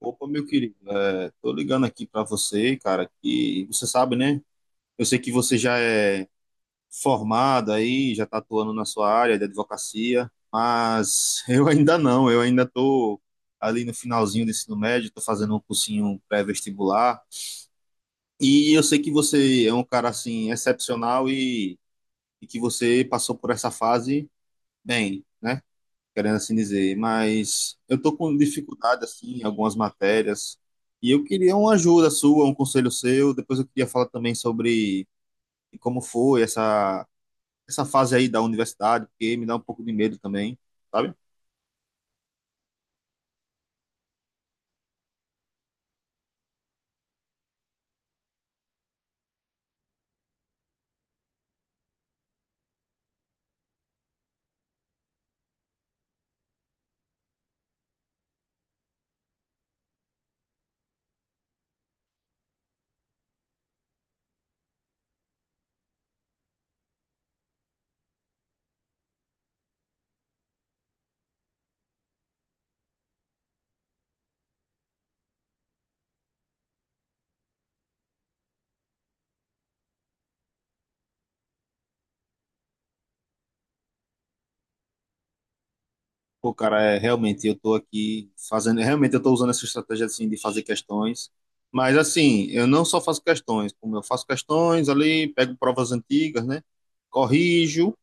Opa, meu querido, tô ligando aqui pra você, cara, que você sabe, né? Eu sei que você já é formado aí, já tá atuando na sua área de advocacia, mas eu ainda não, eu ainda tô ali no finalzinho do ensino médio, tô fazendo um cursinho pré-vestibular, e eu sei que você é um cara, assim, excepcional e que você passou por essa fase bem, né? Querendo assim dizer, mas eu tô com dificuldade assim em algumas matérias e eu queria uma ajuda sua, um conselho seu. Depois eu queria falar também sobre como foi essa fase aí da universidade, porque me dá um pouco de medo também, sabe? Pô, cara, é realmente eu tô aqui fazendo, realmente eu tô usando essa estratégia assim de fazer questões. Mas assim, eu não só faço questões, como eu faço questões ali, pego provas antigas, né? Corrijo.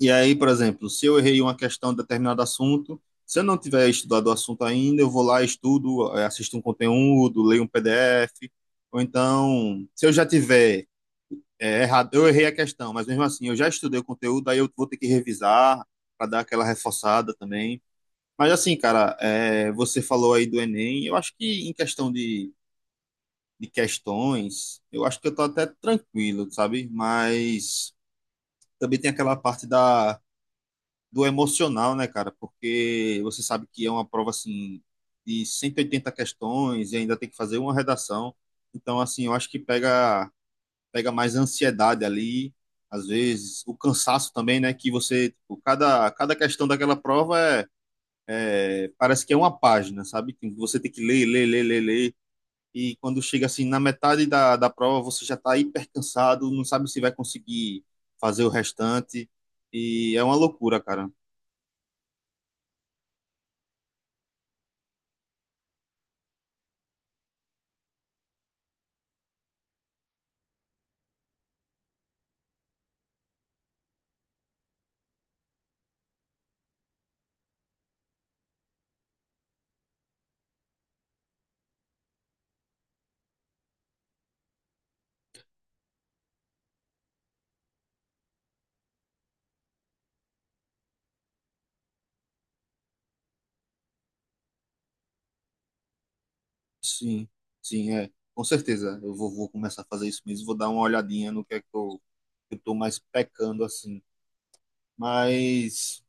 E aí, por exemplo, se eu errei uma questão de determinado assunto, se eu não tiver estudado o assunto ainda, eu vou lá, estudo, assisto um conteúdo, leio um PDF. Ou então, se eu já tiver errado, eu errei a questão, mas mesmo assim, eu já estudei o conteúdo, aí eu vou ter que revisar para dar aquela reforçada também. Mas assim, cara, você falou aí do Enem, eu acho que em questão de questões, eu acho que eu tô até tranquilo, sabe? Mas também tem aquela parte da do emocional, né, cara? Porque você sabe que é uma prova assim de 180 questões e ainda tem que fazer uma redação. Então, assim, eu acho que pega mais ansiedade ali, às vezes o cansaço também, né? Que você, tipo, cada questão daquela prova é, parece que é uma página, sabe? Que você tem que ler, ler, ler, ler, ler. E quando chega assim na metade da, da prova, você já está hiper cansado, não sabe se vai conseguir fazer o restante. E é uma loucura, cara. Sim, sim, é. Com certeza. Eu vou, vou começar a fazer isso mesmo. Vou dar uma olhadinha no que é que eu tô mais pecando, assim. Mas,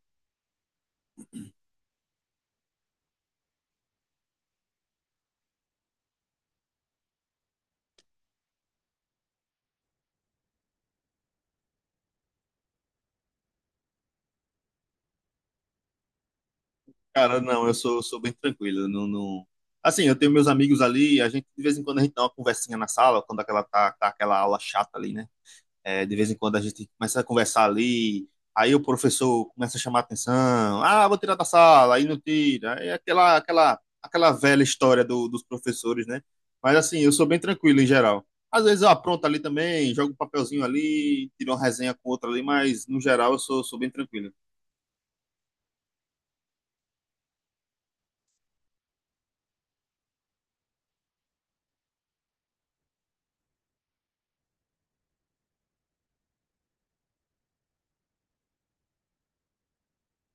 cara, não, eu sou, sou bem tranquilo. Eu Não, não... Assim, eu tenho meus amigos ali, a gente, de vez em quando, a gente dá uma conversinha na sala, quando aquela, tá aquela aula chata ali, né? É, de vez em quando a gente começa a conversar ali, aí o professor começa a chamar a atenção, ah, vou tirar da sala, aí não tira, é aquela velha história do, dos professores, né? Mas assim, eu sou bem tranquilo em geral. Às vezes eu apronto ali também, jogo um papelzinho ali, tiro uma resenha com outra ali, mas no geral eu sou, sou bem tranquilo.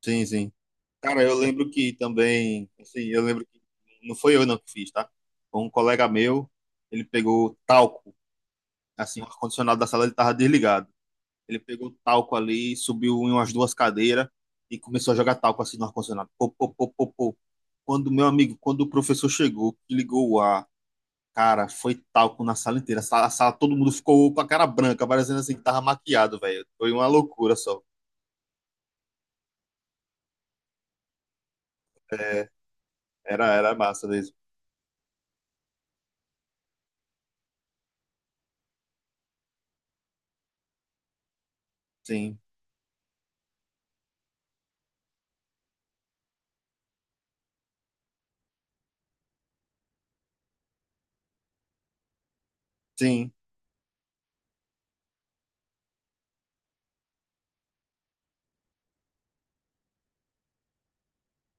Sim, sim. Cara, eu lembro que também, assim, eu lembro que não foi eu não que fiz, tá? Foi um colega meu, ele pegou talco, assim, o ar-condicionado da sala ele tava desligado. Ele pegou talco ali, subiu em umas duas cadeiras e começou a jogar talco assim no ar-condicionado. Pô, pô, pô, pô, pô. Quando, meu amigo, quando o professor chegou, que ligou o ar, cara, foi talco na sala inteira. A sala todo mundo ficou com a cara branca, parecendo assim que tava maquiado, velho. Foi uma loucura só. É, era, era massa mesmo. Sim, sim.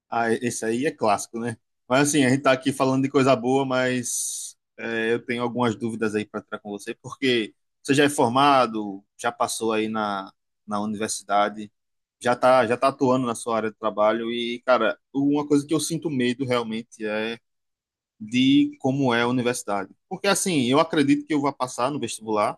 Ah, esse aí é clássico, né? Mas assim, a gente tá aqui falando de coisa boa, mas é, eu tenho algumas dúvidas aí para entrar com você, porque você já é formado, já passou aí na, na universidade, já tá atuando na sua área de trabalho e, cara, uma coisa que eu sinto medo realmente é de como é a universidade. Porque assim, eu acredito que eu vou passar no vestibular,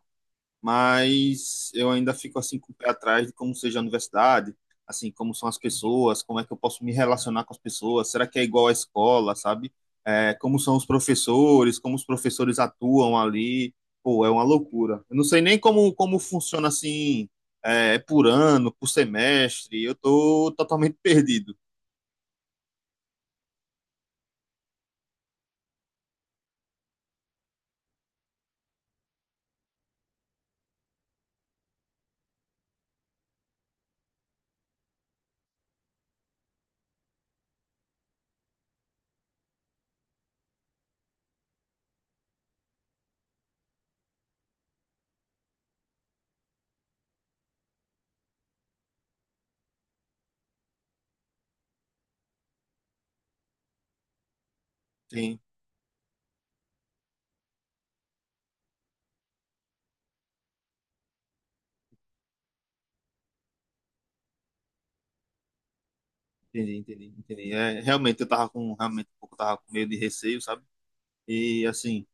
mas eu ainda fico assim com o pé atrás de como seja a universidade, assim, como são as pessoas, como é que eu posso me relacionar com as pessoas, será que é igual à escola, sabe? É, como são os professores, como os professores atuam ali, pô, é uma loucura. Eu não sei nem como, como funciona assim, é, por ano, por semestre, eu tô totalmente perdido. Sim, entendi. É, realmente eu tava com, realmente um pouco tava com medo de receio, sabe? E assim,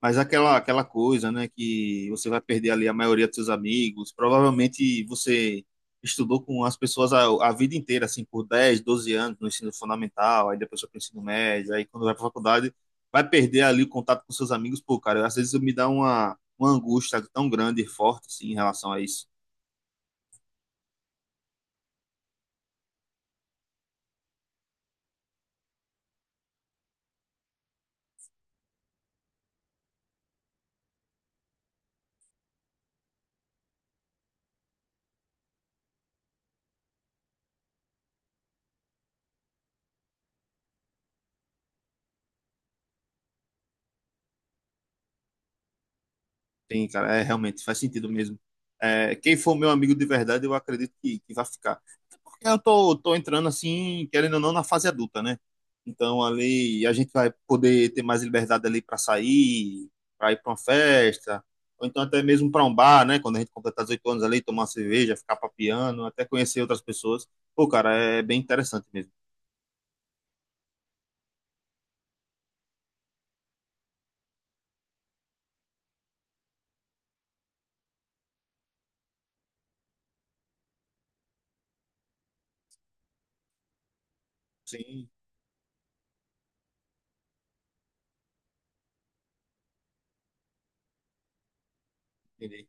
mas aquela, aquela coisa, né, que você vai perder ali a maioria dos seus amigos, provavelmente você estudou com as pessoas a vida inteira, assim, por 10 12 anos no ensino fundamental, aí depois foi pro ensino médio, aí quando vai pra faculdade, vai perder ali o contato com seus amigos, pô, cara, às vezes me dá uma angústia tão grande e forte, assim, em relação a isso. Tem, cara, é, realmente faz sentido mesmo. É, quem for meu amigo de verdade, eu acredito que vai ficar. Porque eu tô, tô entrando assim, querendo ou não, na fase adulta, né? Então ali a gente vai poder ter mais liberdade ali para sair, para ir para uma festa, ou então até mesmo para um bar, né? Quando a gente completar 18 anos ali, tomar uma cerveja, ficar papiando, até conhecer outras pessoas. Pô, cara, é bem interessante mesmo. Sim, entendi.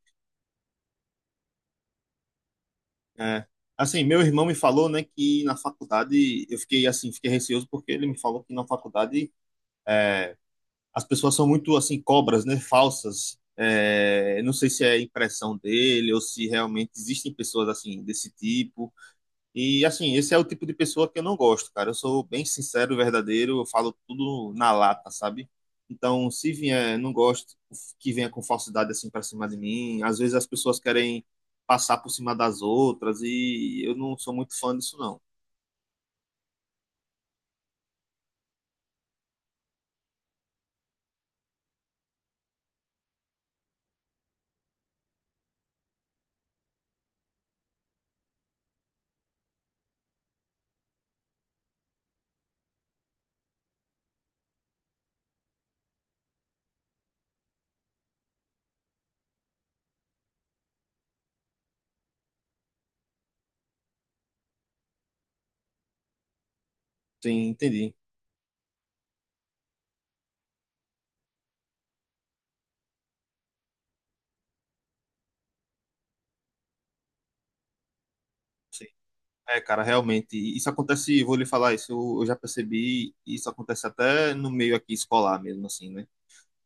É. Assim, meu irmão me falou, né, que na faculdade eu fiquei assim, fiquei receoso porque ele me falou que na faculdade é, as pessoas são muito assim cobras, né, falsas. É, eu não sei se é impressão dele ou se realmente existem pessoas assim desse tipo. E assim, esse é o tipo de pessoa que eu não gosto, cara. Eu sou bem sincero, verdadeiro, eu falo tudo na lata, sabe? Então, se vier, não gosto que venha com falsidade assim pra cima de mim. Às vezes as pessoas querem passar por cima das outras e eu não sou muito fã disso, não. Sim, entendi. É, cara, realmente, isso acontece, vou lhe falar isso, eu já percebi, isso acontece até no meio aqui escolar mesmo, assim, né?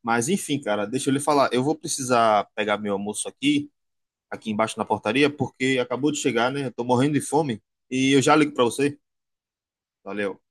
Mas enfim, cara, deixa eu lhe falar, eu vou precisar pegar meu almoço aqui. Aqui embaixo na portaria, porque acabou de chegar, né? Eu tô morrendo de fome e eu já ligo para você. Valeu.